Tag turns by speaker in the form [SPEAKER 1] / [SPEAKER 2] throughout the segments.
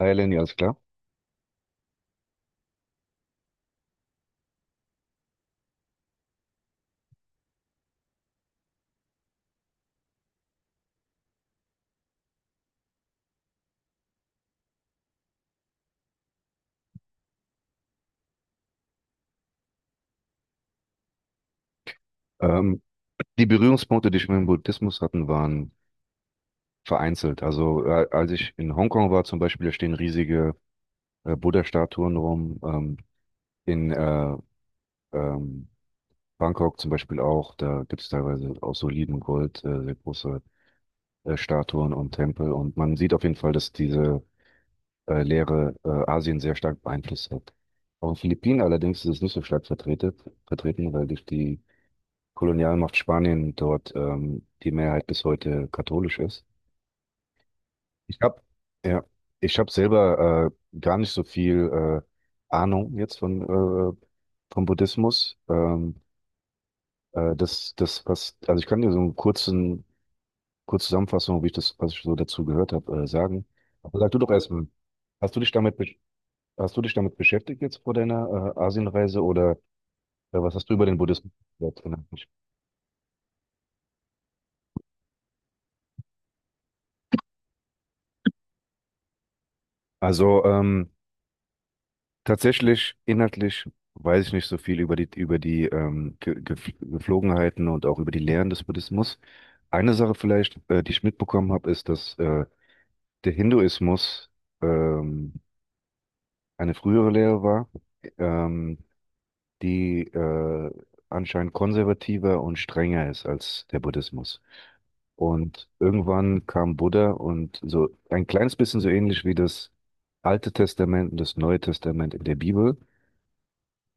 [SPEAKER 1] Hi Lenny, alles klar. Ähm, Die Berührungspunkte, die ich mit dem Buddhismus hatten, waren vereinzelt. Also als ich in Hongkong war zum Beispiel, da stehen riesige Buddha-Statuen rum. In ähm, Bangkok zum Beispiel auch, da gibt es teilweise aus solidem Gold sehr große Statuen und Tempel. Und man sieht auf jeden Fall, dass diese Lehre Asien sehr stark beeinflusst hat. Auf den Philippinen allerdings ist es nicht so stark vertreten, weil durch die Kolonialmacht Spanien dort die Mehrheit bis heute katholisch ist. Ich habe ja, ich habe selber gar nicht so viel Ahnung jetzt von äh, vom Buddhismus. Das das was Also ich kann dir so einen kurzen kurze Zusammenfassung, wie ich das was ich so dazu gehört habe, sagen. Aber sag du doch erstmal, hast du dich damit besch- hast du dich damit beschäftigt jetzt vor deiner Asienreise oder was hast du über den Buddhismus gehört? Also tatsächlich, inhaltlich weiß ich nicht so viel über die Geflogenheiten und auch über die Lehren des Buddhismus. Eine Sache vielleicht, die ich mitbekommen habe, ist, dass der Hinduismus ähm, eine frühere Lehre war, ähm, die anscheinend konservativer und strenger ist als der Buddhismus. Und irgendwann kam Buddha und so ein kleines bisschen so ähnlich wie das Alte Testament und das Neue Testament in der Bibel.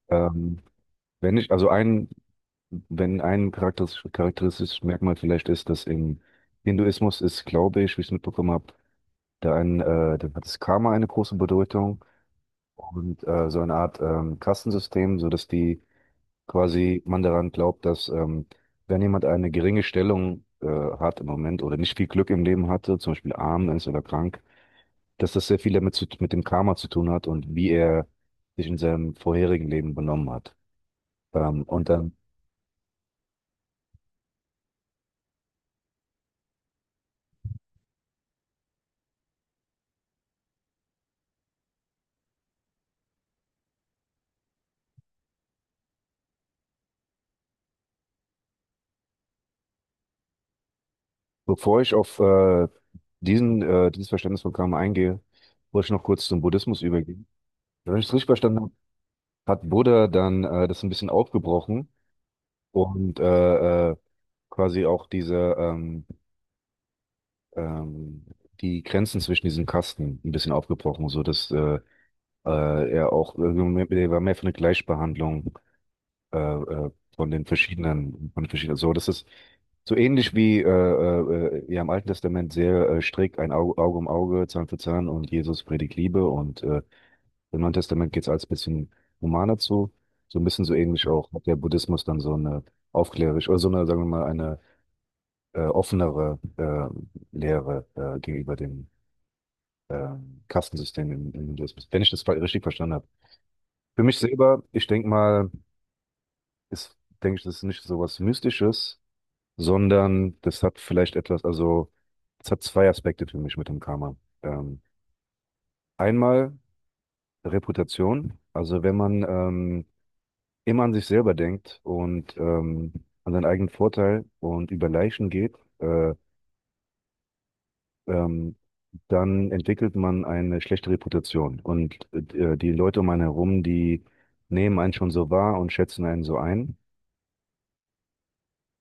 [SPEAKER 1] Ähm, Wenn ich, also ein, Wenn ein charakteristisches Merkmal vielleicht ist, dass im Hinduismus ist, glaube ich, wie ich es mitbekommen habe, da hat das Karma eine große Bedeutung und so eine Art Kastensystem, so dass die quasi man daran glaubt, dass wenn jemand eine geringe Stellung hat im Moment oder nicht viel Glück im Leben hatte, zum Beispiel arm ist oder krank, dass das sehr viel damit mit dem Karma zu tun hat und wie er sich in seinem vorherigen Leben benommen hat. Und dann Bevor ich auf dieses Verständnis von Karma eingehe, wollte ich noch kurz zum Buddhismus übergehen. Wenn ich es richtig verstanden habe, hat Buddha dann das ein bisschen aufgebrochen und quasi auch ähm, die Grenzen zwischen diesen Kasten ein bisschen aufgebrochen, so dass er auch irgendwie, er war mehr für eine Gleichbehandlung von den verschiedenen. So, das ist so ähnlich wie ja, im Alten Testament sehr strikt ein Auge, Auge um Auge, Zahn für Zahn, und Jesus predigt Liebe, und im Neuen Testament geht es alles ein bisschen humaner zu. So ein bisschen so ähnlich auch hat der Buddhismus dann so eine aufklärerisch oder so eine, sagen wir mal, eine offenere Lehre gegenüber dem äh, Kastensystem im, im Hinduismus, wenn ich das richtig verstanden habe. Für mich selber, ich denke mal, ist, denke ich, das ist nicht so was Mystisches, sondern das hat vielleicht etwas, also es hat zwei Aspekte für mich mit dem Karma. Ähm, Einmal Reputation, also wenn man immer an sich selber denkt und an seinen eigenen Vorteil und über Leichen geht, ähm, dann entwickelt man eine schlechte Reputation, und die Leute um einen herum, die nehmen einen schon so wahr und schätzen einen so ein.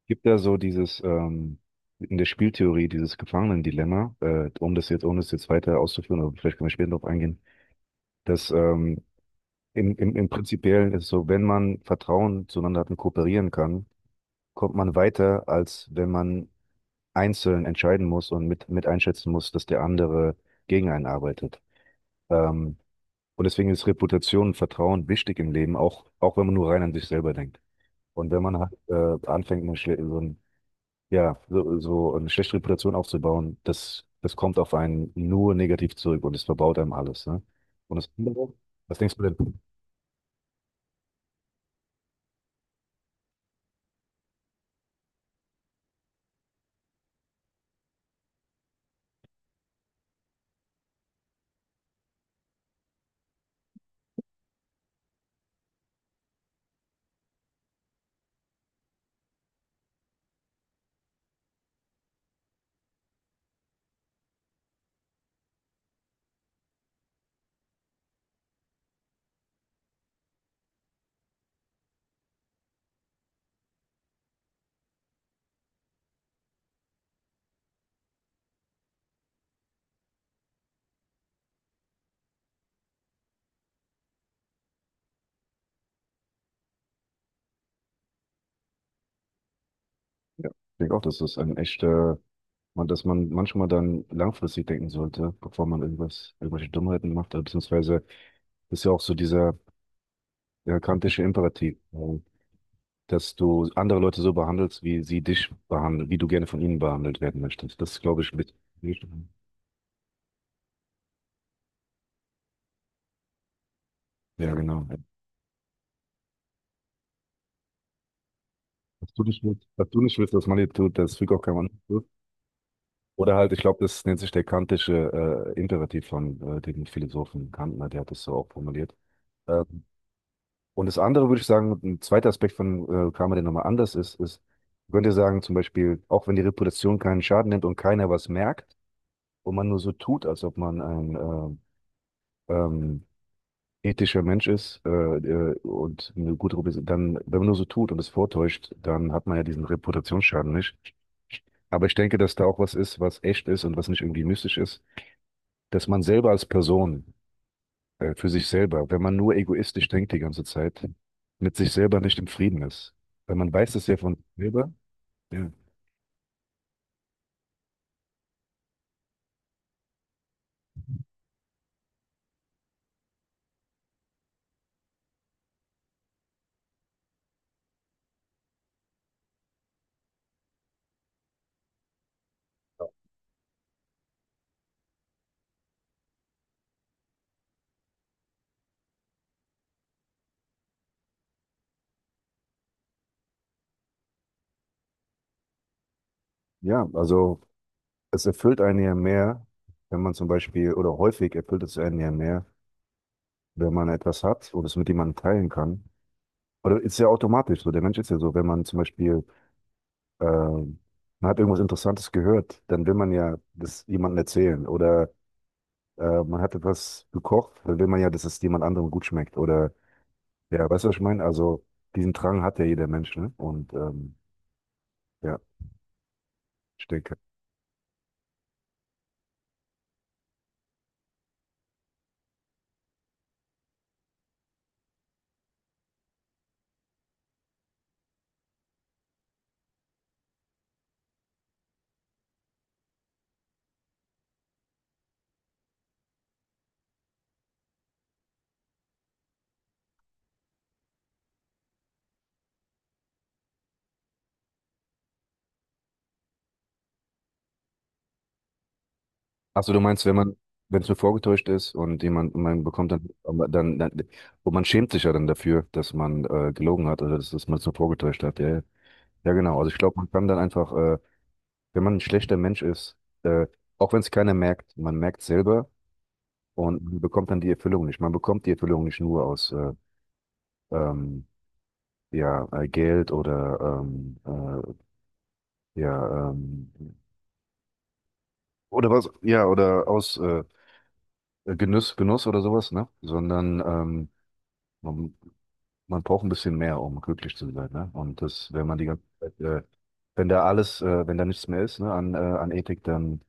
[SPEAKER 1] Gibt ja so dieses in der Spieltheorie dieses Gefangenendilemma, um das jetzt, ohne es jetzt weiter auszuführen, aber vielleicht können wir später darauf eingehen, dass im, im, im Prinzipiellen ist es so, wenn man Vertrauen zueinander hat und kooperieren kann, kommt man weiter, als wenn man einzeln entscheiden muss und mit einschätzen muss, dass der andere gegen einen arbeitet. Ähm, und deswegen ist Reputation und Vertrauen wichtig im Leben, auch, auch wenn man nur rein an sich selber denkt. Und wenn man halt anfängt, eine, schle- so ein ja, so, so eine schlechte Reputation aufzubauen, das, das kommt auf einen nur negativ zurück und es verbaut einem alles. Ne? Und das andere, was denkst du denn? Ja, ich denke auch, das ist ein echter, man, dass man manchmal dann langfristig denken sollte, bevor man irgendwas, irgendwelche Dummheiten macht, oder beziehungsweise ist ja auch so dieser ja, kantische Imperativ, dass du andere Leute so behandelst, wie sie dich behandeln, wie du gerne von ihnen behandelt werden möchtest. Das ist, glaube ich, mit. Ja, genau. Was du nicht willst, was du nicht willst, was man dir tut, das fügt auch keinem an. Oder halt, ich glaube, das nennt sich der kantische Imperativ von dem Philosophen Kantner, der hat das so auch formuliert. Ähm, und das andere würde ich sagen, ein zweiter Aspekt von Karma, der nochmal anders ist, ist, man könnte sagen, zum Beispiel, auch wenn die Reputation keinen Schaden nimmt und keiner was merkt und man nur so tut, als ob man ein äh, ähm, ethischer Mensch ist und eine gute Reputation, dann, wenn man nur so tut und es vortäuscht, dann hat man ja diesen Reputationsschaden nicht. Aber ich denke, dass da auch was ist, was echt ist und was nicht irgendwie mystisch ist. Dass man selber als Person, für sich selber, wenn man nur egoistisch denkt die ganze Zeit, mit sich selber nicht im Frieden ist. Weil man weiß es ja von sich selber. Ja, ja, also es erfüllt einen ja mehr, wenn man zum Beispiel, oder häufig erfüllt es einen ja mehr, wenn man etwas hat und es mit jemandem teilen kann. Oder ist ja automatisch so. Der Mensch ist ja so, wenn man zum Beispiel, man hat irgendwas Interessantes gehört, dann will man ja das jemandem erzählen. Oder man hat etwas gekocht, dann will man ja, dass es jemand anderem gut schmeckt. Oder ja, weißt du, was ich meine? Also, diesen Drang hat ja jeder Mensch, ne? Und ja, ich denke. Achso, du meinst, wenn man, wenn es nur vorgetäuscht ist und jemand, man bekommt dann, aber dann, dann, und man schämt sich ja dann dafür, dass man gelogen hat oder dass, dass man es nur vorgetäuscht hat. Ja, ja, ja, genau. Also ich glaube, man kann dann einfach, wenn man ein schlechter Mensch ist, äh, auch wenn es keiner merkt, man merkt selber und man bekommt dann die Erfüllung nicht. Man bekommt die Erfüllung nicht nur aus ähm, ja, Geld oder äh, ja, ähm, oder aus Genuss, Genuss oder sowas, ne? Sondern man, man braucht ein bisschen mehr, um glücklich zu sein, ne? Und das, wenn man die ganze Zeit, wenn da alles, wenn da nichts mehr ist, ne, an, an Ethik, dann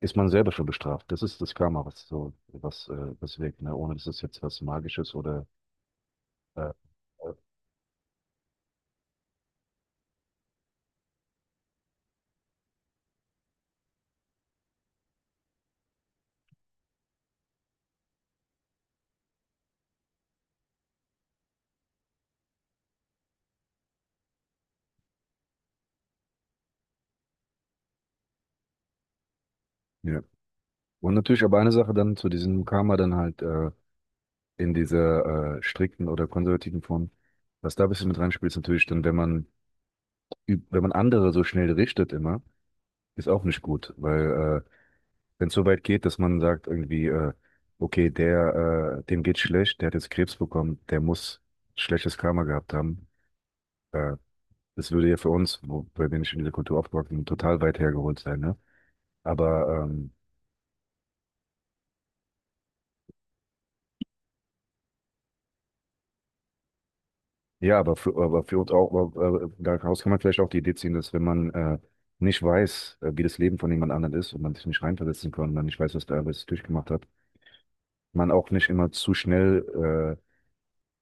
[SPEAKER 1] ist man selber schon bestraft. Das ist das Karma, was so, was, was wirkt, ne? Ohne dass es jetzt was Magisches oder äh, äh, ja. Und natürlich aber eine Sache dann zu diesem Karma dann halt in dieser strikten oder konservativen Form, was da ein bisschen mit reinspielt, ist natürlich dann, wenn man wenn man andere so schnell richtet immer, ist auch nicht gut, weil wenn es so weit geht, dass man sagt irgendwie, okay, der, dem geht's schlecht, der hat jetzt Krebs bekommen, der muss schlechtes Karma gehabt haben. Äh, Das würde ja für uns, wo, bei denen ich in dieser Kultur aufgewachsen bin, total weit hergeholt sein, ne? Aber ja, aber für uns auch, aber, daraus kann man vielleicht auch die Idee ziehen, dass wenn man nicht weiß, wie das Leben von jemand anderem ist und man sich nicht reinversetzen kann, und man nicht weiß, was der alles durchgemacht hat, man auch nicht immer zu schnell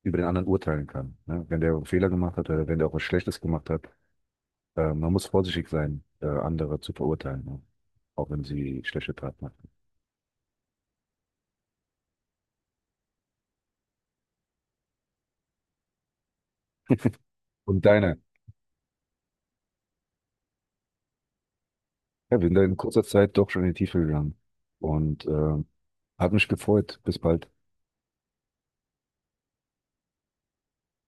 [SPEAKER 1] über den anderen urteilen kann. Ne? Wenn der einen Fehler gemacht hat oder wenn der auch was Schlechtes gemacht hat, man muss vorsichtig sein, andere zu verurteilen, ne? Auch wenn sie schlechte Taten machen. Und deine, ja, wir sind da in kurzer Zeit doch schon in die Tiefe gegangen und hat mich gefreut. Bis bald.